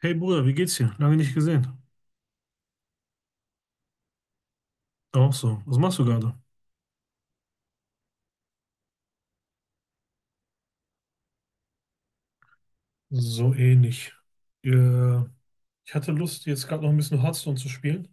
Hey Bruder, wie geht's dir? Lange nicht gesehen. Auch so. Was machst du gerade? So ähnlich. Äh, ich hatte Lust, jetzt gerade noch ein bisschen Hearthstone zu spielen.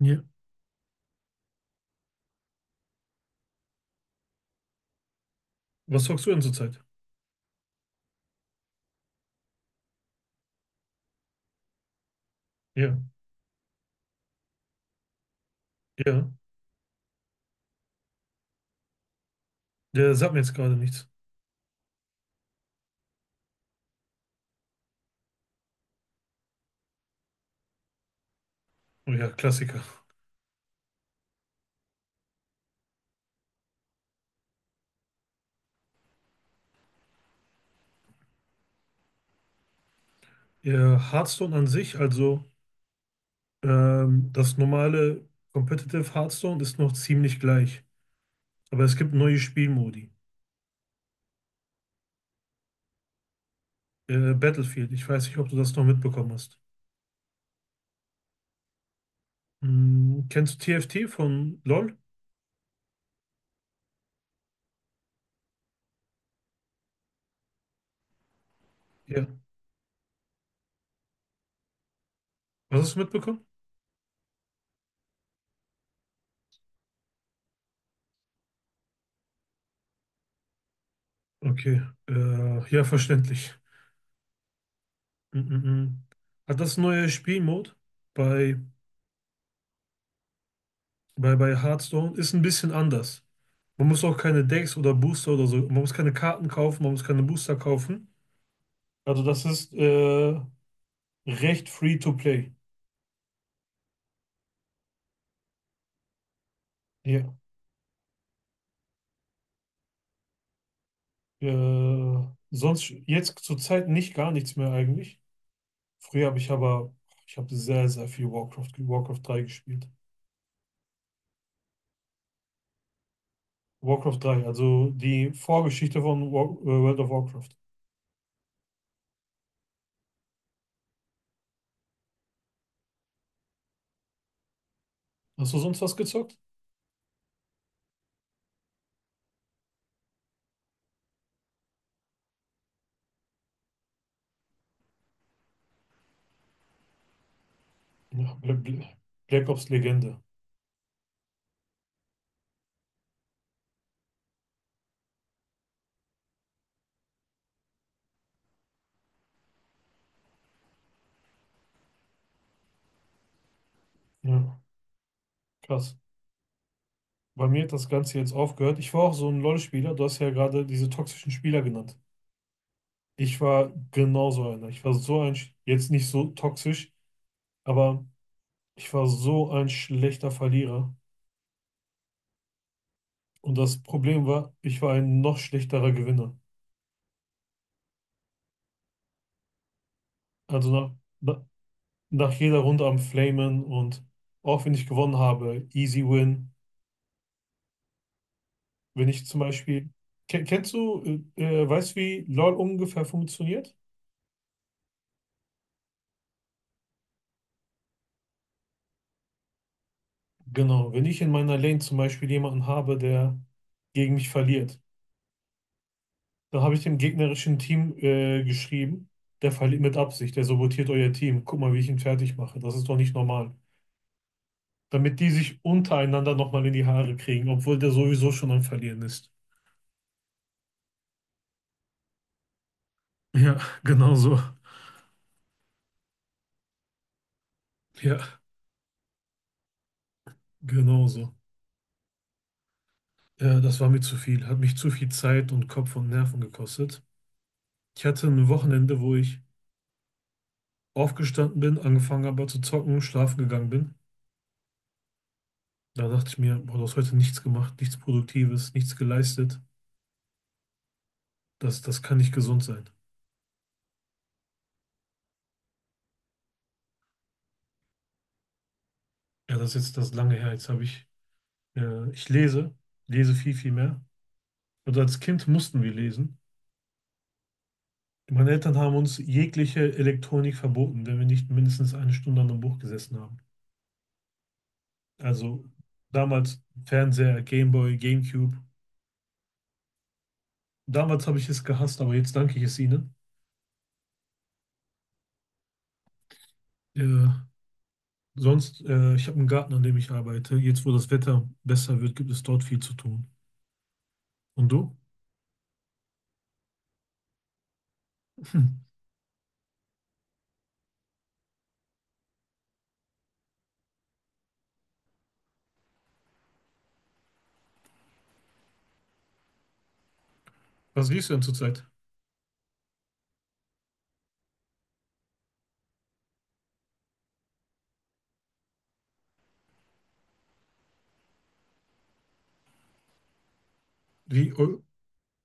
Ja. Was zockst du denn zurzeit? Ja, ja. Der sagt mir jetzt gerade nichts. Oh ja, Klassiker. Ja, Hearthstone an sich, also das normale Competitive Hearthstone ist noch ziemlich gleich. Aber es gibt neue Spielmodi. Battlefield, ich weiß nicht, ob du das noch mitbekommen hast. Kennst du TFT von LoL? Ja. Was hast du mitbekommen? Okay, ja, verständlich. Mm, mm, mm. Hat das neue Spielmod bei, bei Hearthstone ist ein bisschen anders. Man muss auch keine Decks oder Booster oder so, man muss keine Karten kaufen, man muss keine Booster kaufen. Also das ist recht free to play. Ja. Äh, sonst jetzt zurzeit nicht gar nichts mehr eigentlich. Früher habe ich aber, ich habe sehr, sehr viel Warcraft, Warcraft 3 gespielt. Warcraft 3, also die Vorgeschichte von World of Warcraft. Hast du sonst was gezockt? Ja, Black Ops Legende. Ja, krass. Bei mir hat das Ganze jetzt aufgehört. Ich war auch so ein LoL-Spieler. Du hast ja gerade diese toxischen Spieler genannt. Ich war genauso einer. Ich war so ein, jetzt nicht so toxisch, aber ich war so ein schlechter Verlierer. Und das Problem war, ich war ein noch schlechterer Gewinner. Also na, nach jeder Runde am Flamen und auch wenn ich gewonnen habe, easy win. Wenn ich zum Beispiel, Ken- kennst du, weißt du, wie LoL ungefähr funktioniert? Genau, wenn ich in meiner Lane zum Beispiel jemanden habe, der gegen mich verliert, dann habe ich dem gegnerischen Team geschrieben, der verliert mit Absicht, der sabotiert euer Team. Guck mal, wie ich ihn fertig mache. Das ist doch nicht normal. Damit die sich untereinander nochmal in die Haare kriegen, obwohl der sowieso schon am Verlieren ist. Ja, genau so. Ja, genau so. Ja, das war mir zu viel. Hat mich zu viel Zeit und Kopf und Nerven gekostet. Ich hatte ein Wochenende, wo ich aufgestanden bin, angefangen habe zu zocken, schlafen gegangen bin. Da dachte ich mir, boah, du hast heute nichts gemacht, nichts Produktives, nichts geleistet. Das kann nicht gesund sein. Ja, das ist jetzt das lange her. Jetzt habe ich, ich lese viel, viel mehr. Und als Kind mussten wir lesen. Meine Eltern haben uns jegliche Elektronik verboten, wenn wir nicht mindestens eine Stunde an einem Buch gesessen haben. Also damals Fernseher, Gameboy, Gamecube. Damals habe ich es gehasst, aber jetzt danke ich es ihnen. Äh, sonst, ich habe einen Garten, an dem ich arbeite. Jetzt, wo das Wetter besser wird, gibt es dort viel zu tun. Und du? Hm. Was liest du denn zurzeit? Wie, Eu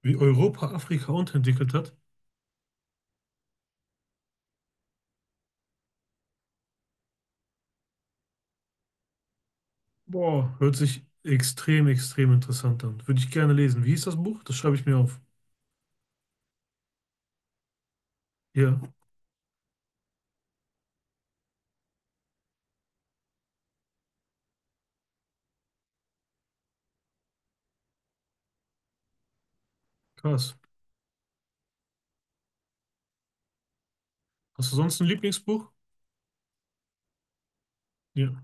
wie Europa Afrika unterentwickelt hat? Boah, hört sich extrem, extrem interessant an. Würde ich gerne lesen. Wie hieß das Buch? Das schreibe ich mir auf. Ja, krass. Hast du sonst ein Lieblingsbuch? Ja.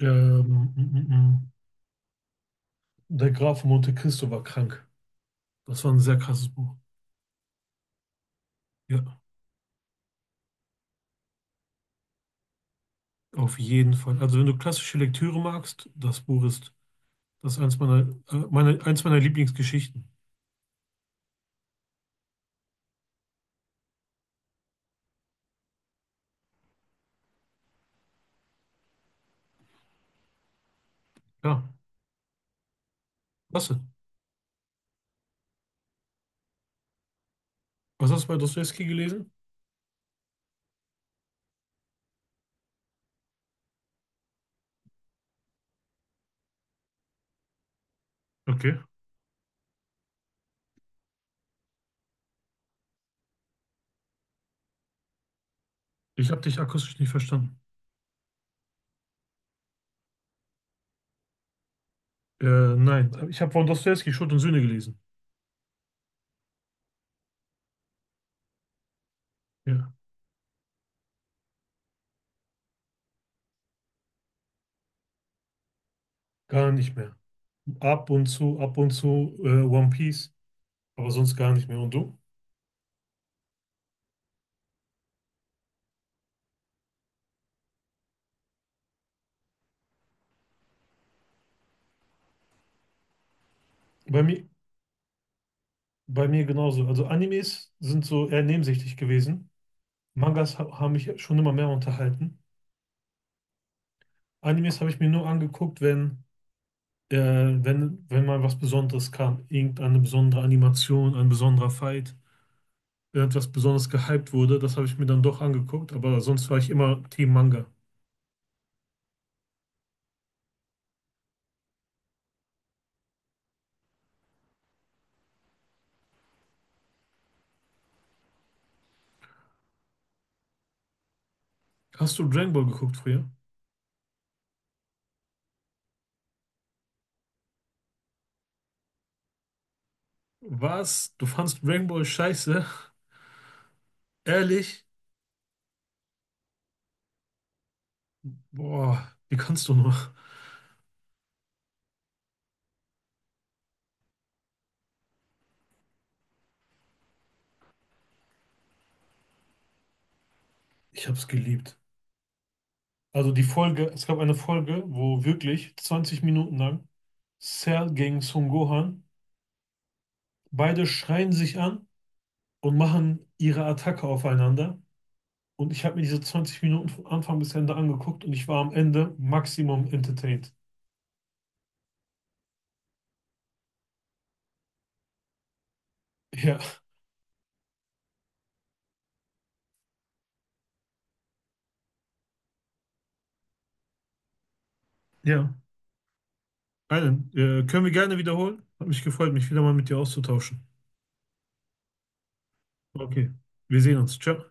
Ähm, mm, mm, mm. Der Graf von Monte Cristo war krank. Das war ein sehr krasses Buch. Ja, auf jeden Fall. Also wenn du klassische Lektüre magst, das Buch ist das ist eins meiner Lieblingsgeschichten. Ja, klasse. Was hast du bei Dostojewski gelesen? Okay. Ich habe dich akustisch nicht verstanden. Äh, nein, ich habe von Dostojewski Schuld und Sühne gelesen. Ja, gar nicht mehr. Ab und zu One Piece, aber sonst gar nicht mehr. Und du? Bei mir, bei mir genauso. Also Animes sind so eher nebensächlich gewesen. Mangas ha haben mich schon immer mehr unterhalten. Animes habe ich mir nur angeguckt, wenn mal was Besonderes kam. Irgendeine besondere Animation, ein besonderer Fight, irgendwas besonders gehypt wurde. Das habe ich mir dann doch angeguckt, aber sonst war ich immer Team Manga. Hast du Dragon Ball geguckt früher? Was? Du fandst Dragon Ball scheiße? Ehrlich? Boah, wie kannst du nur? Ich hab's geliebt. Also die Folge, es gab eine Folge, wo wirklich 20 Minuten lang Cell gegen Son Gohan, beide schreien sich an und machen ihre Attacke aufeinander. Und ich habe mir diese 20 Minuten von Anfang bis Ende angeguckt und ich war am Ende maximum entertained. Ja. Ja. Alan, können wir gerne wiederholen? Hat mich gefreut, mich wieder mal mit dir auszutauschen. Okay, wir sehen uns. Ciao.